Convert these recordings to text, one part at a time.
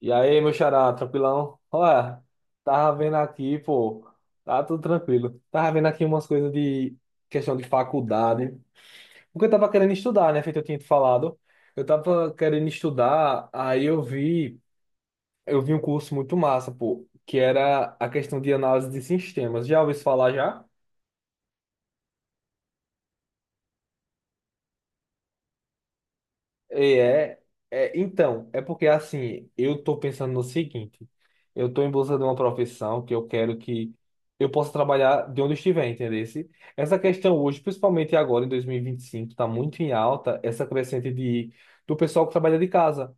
E aí, meu xará, tranquilão? Olha, tava vendo aqui, pô, tá tudo tranquilo. Tava vendo aqui umas coisas de questão de faculdade, porque eu tava querendo estudar, né? Feito eu tinha te falado. Eu tava querendo estudar, aí eu vi um curso muito massa, pô, que era a questão de análise de sistemas. Já ouviu isso falar já? E É, então, é porque assim, eu tô pensando no seguinte, eu tô em busca de uma profissão que eu quero que eu possa trabalhar de onde eu estiver, entendeu? Essa questão hoje, principalmente agora em dois mil e vinte e cinco tá muito em alta essa crescente do pessoal que trabalha de casa.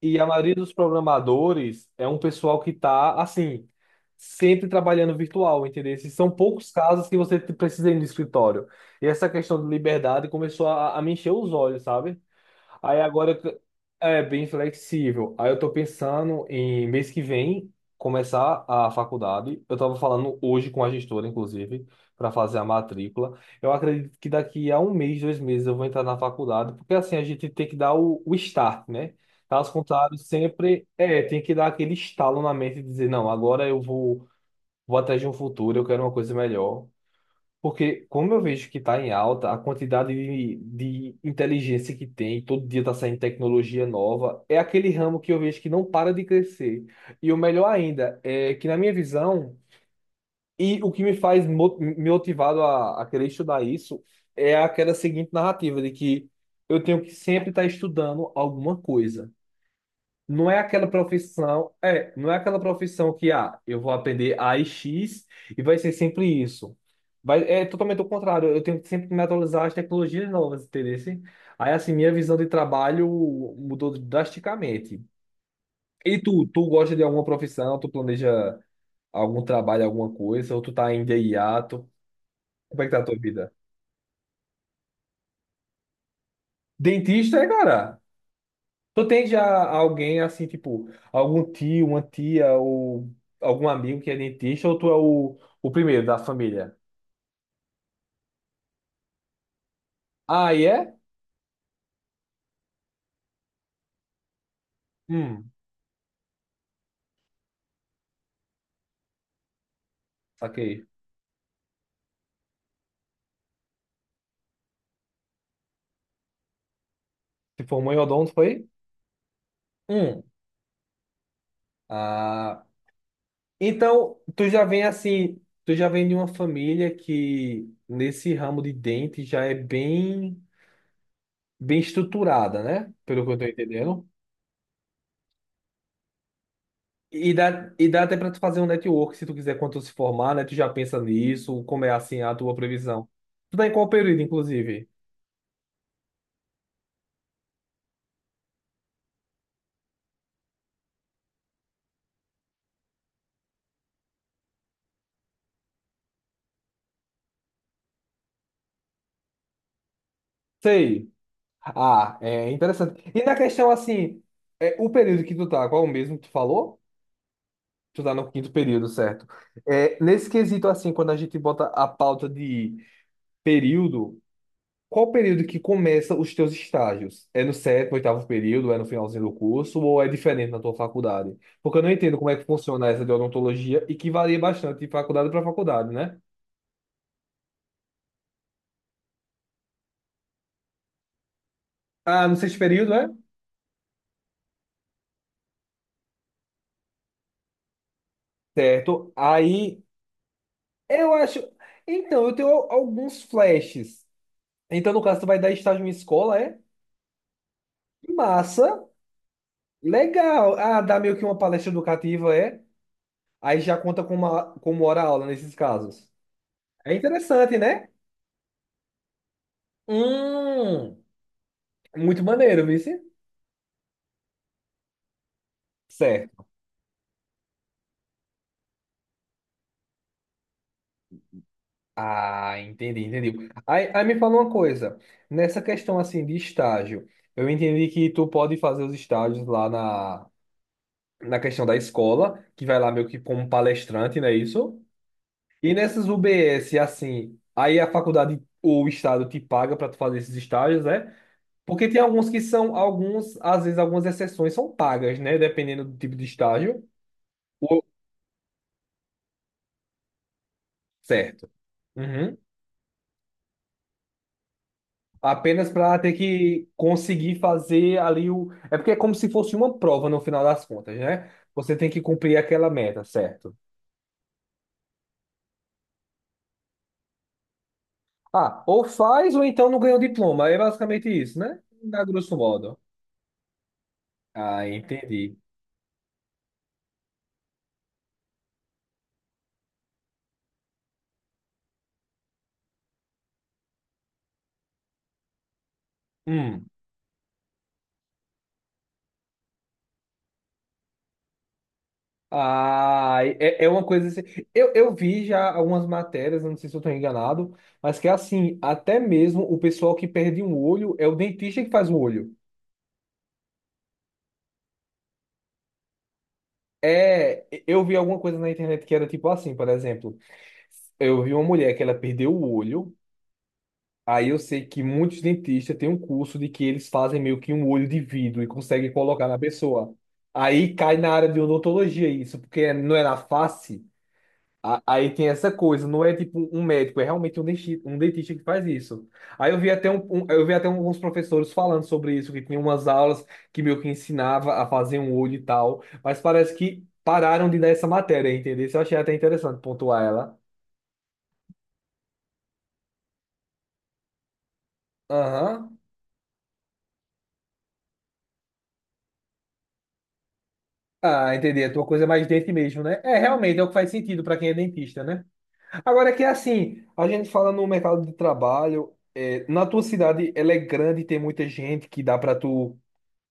E a maioria dos programadores é um pessoal que tá, assim, sempre trabalhando virtual, entendeu? Esses são poucos casos que você precisa ir no escritório. E essa questão de liberdade começou a me encher os olhos, sabe? Aí agora eu t- É bem flexível. Aí eu tô pensando em mês que vem começar a faculdade. Eu tava falando hoje com a gestora, inclusive, para fazer a matrícula. Eu acredito que daqui a um mês, dois meses eu vou entrar na faculdade, porque assim a gente tem que dar o start, né? Caso contrário, sempre é, tem que dar aquele estalo na mente e dizer, não, agora eu vou, vou atrás de um futuro, eu quero uma coisa melhor. Porque como eu vejo que está em alta, a quantidade de inteligência que tem, todo dia está saindo tecnologia nova, é aquele ramo que eu vejo que não para de crescer. E o melhor ainda é que, na minha visão, e o que me faz me motivado a querer estudar isso, é aquela seguinte narrativa de que eu tenho que sempre estar estudando alguma coisa. Não é aquela profissão, é, não é aquela profissão que, ah, eu vou aprender a e X e vai ser sempre isso. Vai, é totalmente o contrário, eu tenho que sempre me atualizar às tecnologias novas, entendeu? Assim, aí, assim, minha visão de trabalho mudou drasticamente. E tu, tu gosta de alguma profissão, tu planeja algum trabalho, alguma coisa, ou tu tá ainda em hiato? Como é que tá a tua vida? Dentista, é, cara? Tu tem já alguém assim, tipo, algum tio, uma tia ou algum amigo que é dentista ou tu é o primeiro da família? Ah, e é? Hum, saquei. Se formou em odonto, foi? Hum. Ah, então tu já vem assim, tu já vem de uma família que nesse ramo de dente já é bem, bem estruturada, né? Pelo que eu tô entendendo. E dá até para tu fazer um network se tu quiser quando tu se formar, né? Tu já pensa nisso, como é assim a tua previsão. Tu tá em qual período, inclusive? Sei. Ah, é interessante. E na questão assim, é, o período que tu tá, qual é o mesmo que tu falou? Tu tá no quinto período, certo? É, nesse quesito assim, quando a gente bota a pauta de período, qual o período que começa os teus estágios? É no sétimo, oitavo período? É no finalzinho do curso? Ou é diferente na tua faculdade? Porque eu não entendo como é que funciona essa de odontologia e que varia bastante de faculdade para faculdade, né? Ah, no sexto período, é? Certo. Aí, eu acho... Então, eu tenho alguns flashes. Então, no caso, tu vai dar estágio em escola, é? Massa. Legal. Ah, dá meio que uma palestra educativa, é? Aí já conta como, como hora-aula nesses casos. É interessante, né? Hum... Muito maneiro, vice? Certo. Ah, entendi, entendi. Aí, aí me fala uma coisa. Nessa questão assim de estágio, eu entendi que tu pode fazer os estágios lá na questão da escola, que vai lá meio que como palestrante, não é isso? E nessas UBS, assim, aí a faculdade ou o estado te paga para tu fazer esses estágios, né? Porque tem alguns que são, alguns, às vezes algumas exceções são pagas, né? Dependendo do tipo de estágio. O- Certo. Uhum. Apenas para ter que conseguir fazer ali o. É porque é como se fosse uma prova no final das contas, né? Você tem que cumprir aquela meta, certo? Ah, ou faz ou então não ganha o diploma. É basicamente isso, né? A grosso modo. Ah, entendi. Hum. Ah, é, é uma coisa assim. Eu vi já algumas matérias, não sei se eu estou enganado, mas que é assim, até mesmo o pessoal que perde um olho é o dentista que faz o olho. É, eu vi alguma coisa na internet que era tipo assim, por exemplo. Eu vi uma mulher que ela perdeu o olho. Aí eu sei que muitos dentistas têm um curso de que eles fazem meio que um olho de vidro e conseguem colocar na pessoa. Aí cai na área de odontologia isso, porque não é na face. Aí tem essa coisa, não é tipo um médico, é realmente um dentista que faz isso. Aí eu vi até um, eu vi até alguns professores falando sobre isso, que tinha umas aulas que meio que ensinava a fazer um olho e tal, mas parece que pararam de dar essa matéria, entendeu? Isso eu achei até interessante pontuar ela. Aham. Ah, entendi. A tua coisa é mais dente mesmo, né? É, realmente, é o que faz sentido para quem é dentista, né? Agora que é assim, a gente fala no mercado de trabalho, é, na tua cidade ela é grande, tem muita gente que dá para tu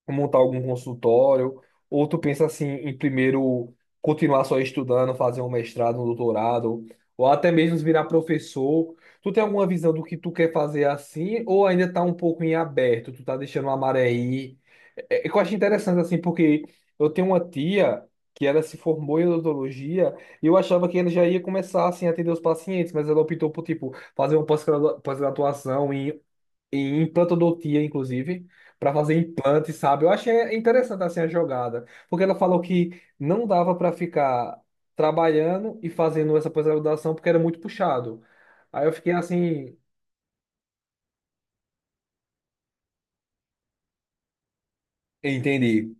montar algum consultório, ou tu pensa assim em primeiro continuar só estudando, fazer um mestrado, um doutorado, ou até mesmo virar professor. Tu tem alguma visão do que tu quer fazer assim, ou ainda tá um pouco em aberto, tu tá deixando a maré ir? É, é que eu acho interessante assim, porque eu tenho uma tia que ela se formou em odontologia e eu achava que ela já ia começar assim a atender os pacientes, mas ela optou por tipo fazer uma pós-graduação em implantodontia, inclusive, para fazer implante, sabe? Eu achei interessante assim a jogada, porque ela falou que não dava para ficar trabalhando e fazendo essa pós-graduação porque era muito puxado. Aí eu fiquei assim, entendi.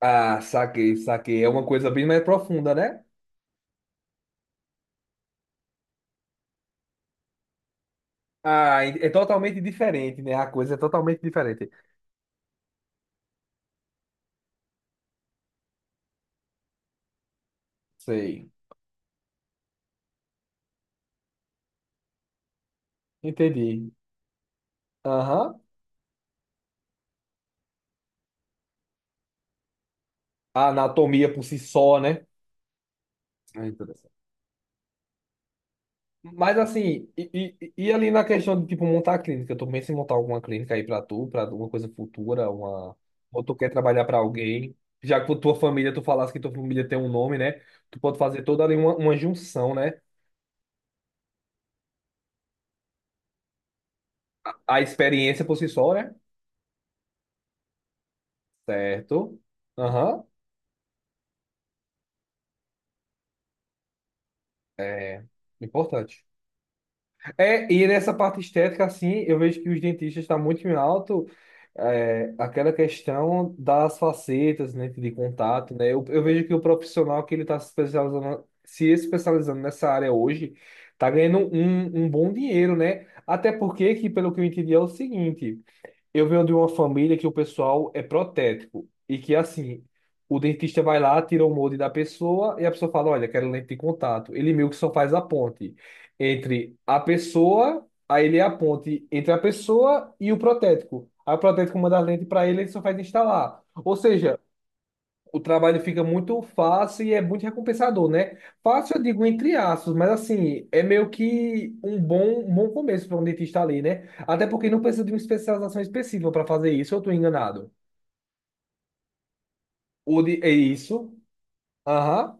Ah, saquei, saquei. É uma coisa bem mais profunda, né? Ah, é totalmente diferente, né? A coisa é totalmente diferente. Sei. Entendi. Aham. A anatomia por si só, né? Ah, então. Mas assim, e ali na questão de tipo montar a clínica, eu tô em montar alguma clínica aí pra tu, pra alguma coisa futura, uma ou tu quer trabalhar pra alguém, já que por tua família, tu falasse que tua família tem um nome, né? Tu pode fazer toda ali uma junção, né? A experiência por si só, né? Certo. Aham, importante. É, e nessa parte estética, assim, eu vejo que os dentistas estão muito em alto é, aquela questão das facetas, né, de contato, né? Eu vejo que o profissional que ele está se especializando, se especializando nessa área hoje, está ganhando um bom dinheiro, né? Até porque, que pelo que eu entendi, é o seguinte. Eu venho de uma família que o pessoal é protético e que, assim, o dentista vai lá, tira o molde da pessoa e a pessoa fala: Olha, quero lente de contato. Ele meio que só faz a ponte entre a pessoa, aí ele é a ponte entre a pessoa e o protético. Aí o protético manda a lente para ele, ele só faz instalar. Ou seja, o trabalho fica muito fácil e é muito recompensador, né? Fácil, eu digo entre aspas, mas assim, é meio que um bom começo para um dentista ali, né? Até porque não precisa de uma especialização específica para fazer isso, eu estou enganado. É isso? Aham.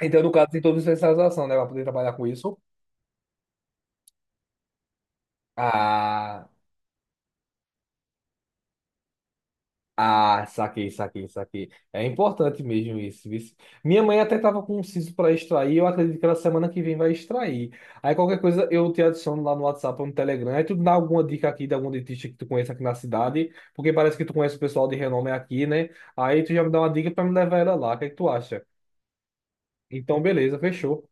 Então, no caso, tem toda uma especialização, né? Para poder trabalhar com isso. Ah. Ah, saquei, saquei, saquei. É importante mesmo isso, isso. Minha mãe até tava com um siso para extrair, eu acredito que ela semana que vem vai extrair. Aí qualquer coisa eu te adiciono lá no WhatsApp ou no Telegram. Aí tu dá alguma dica aqui de algum dentista que tu conheça aqui na cidade, porque parece que tu conhece o pessoal de renome aqui, né? Aí tu já me dá uma dica para me levar ela lá. O que é que tu acha? Então, beleza, fechou.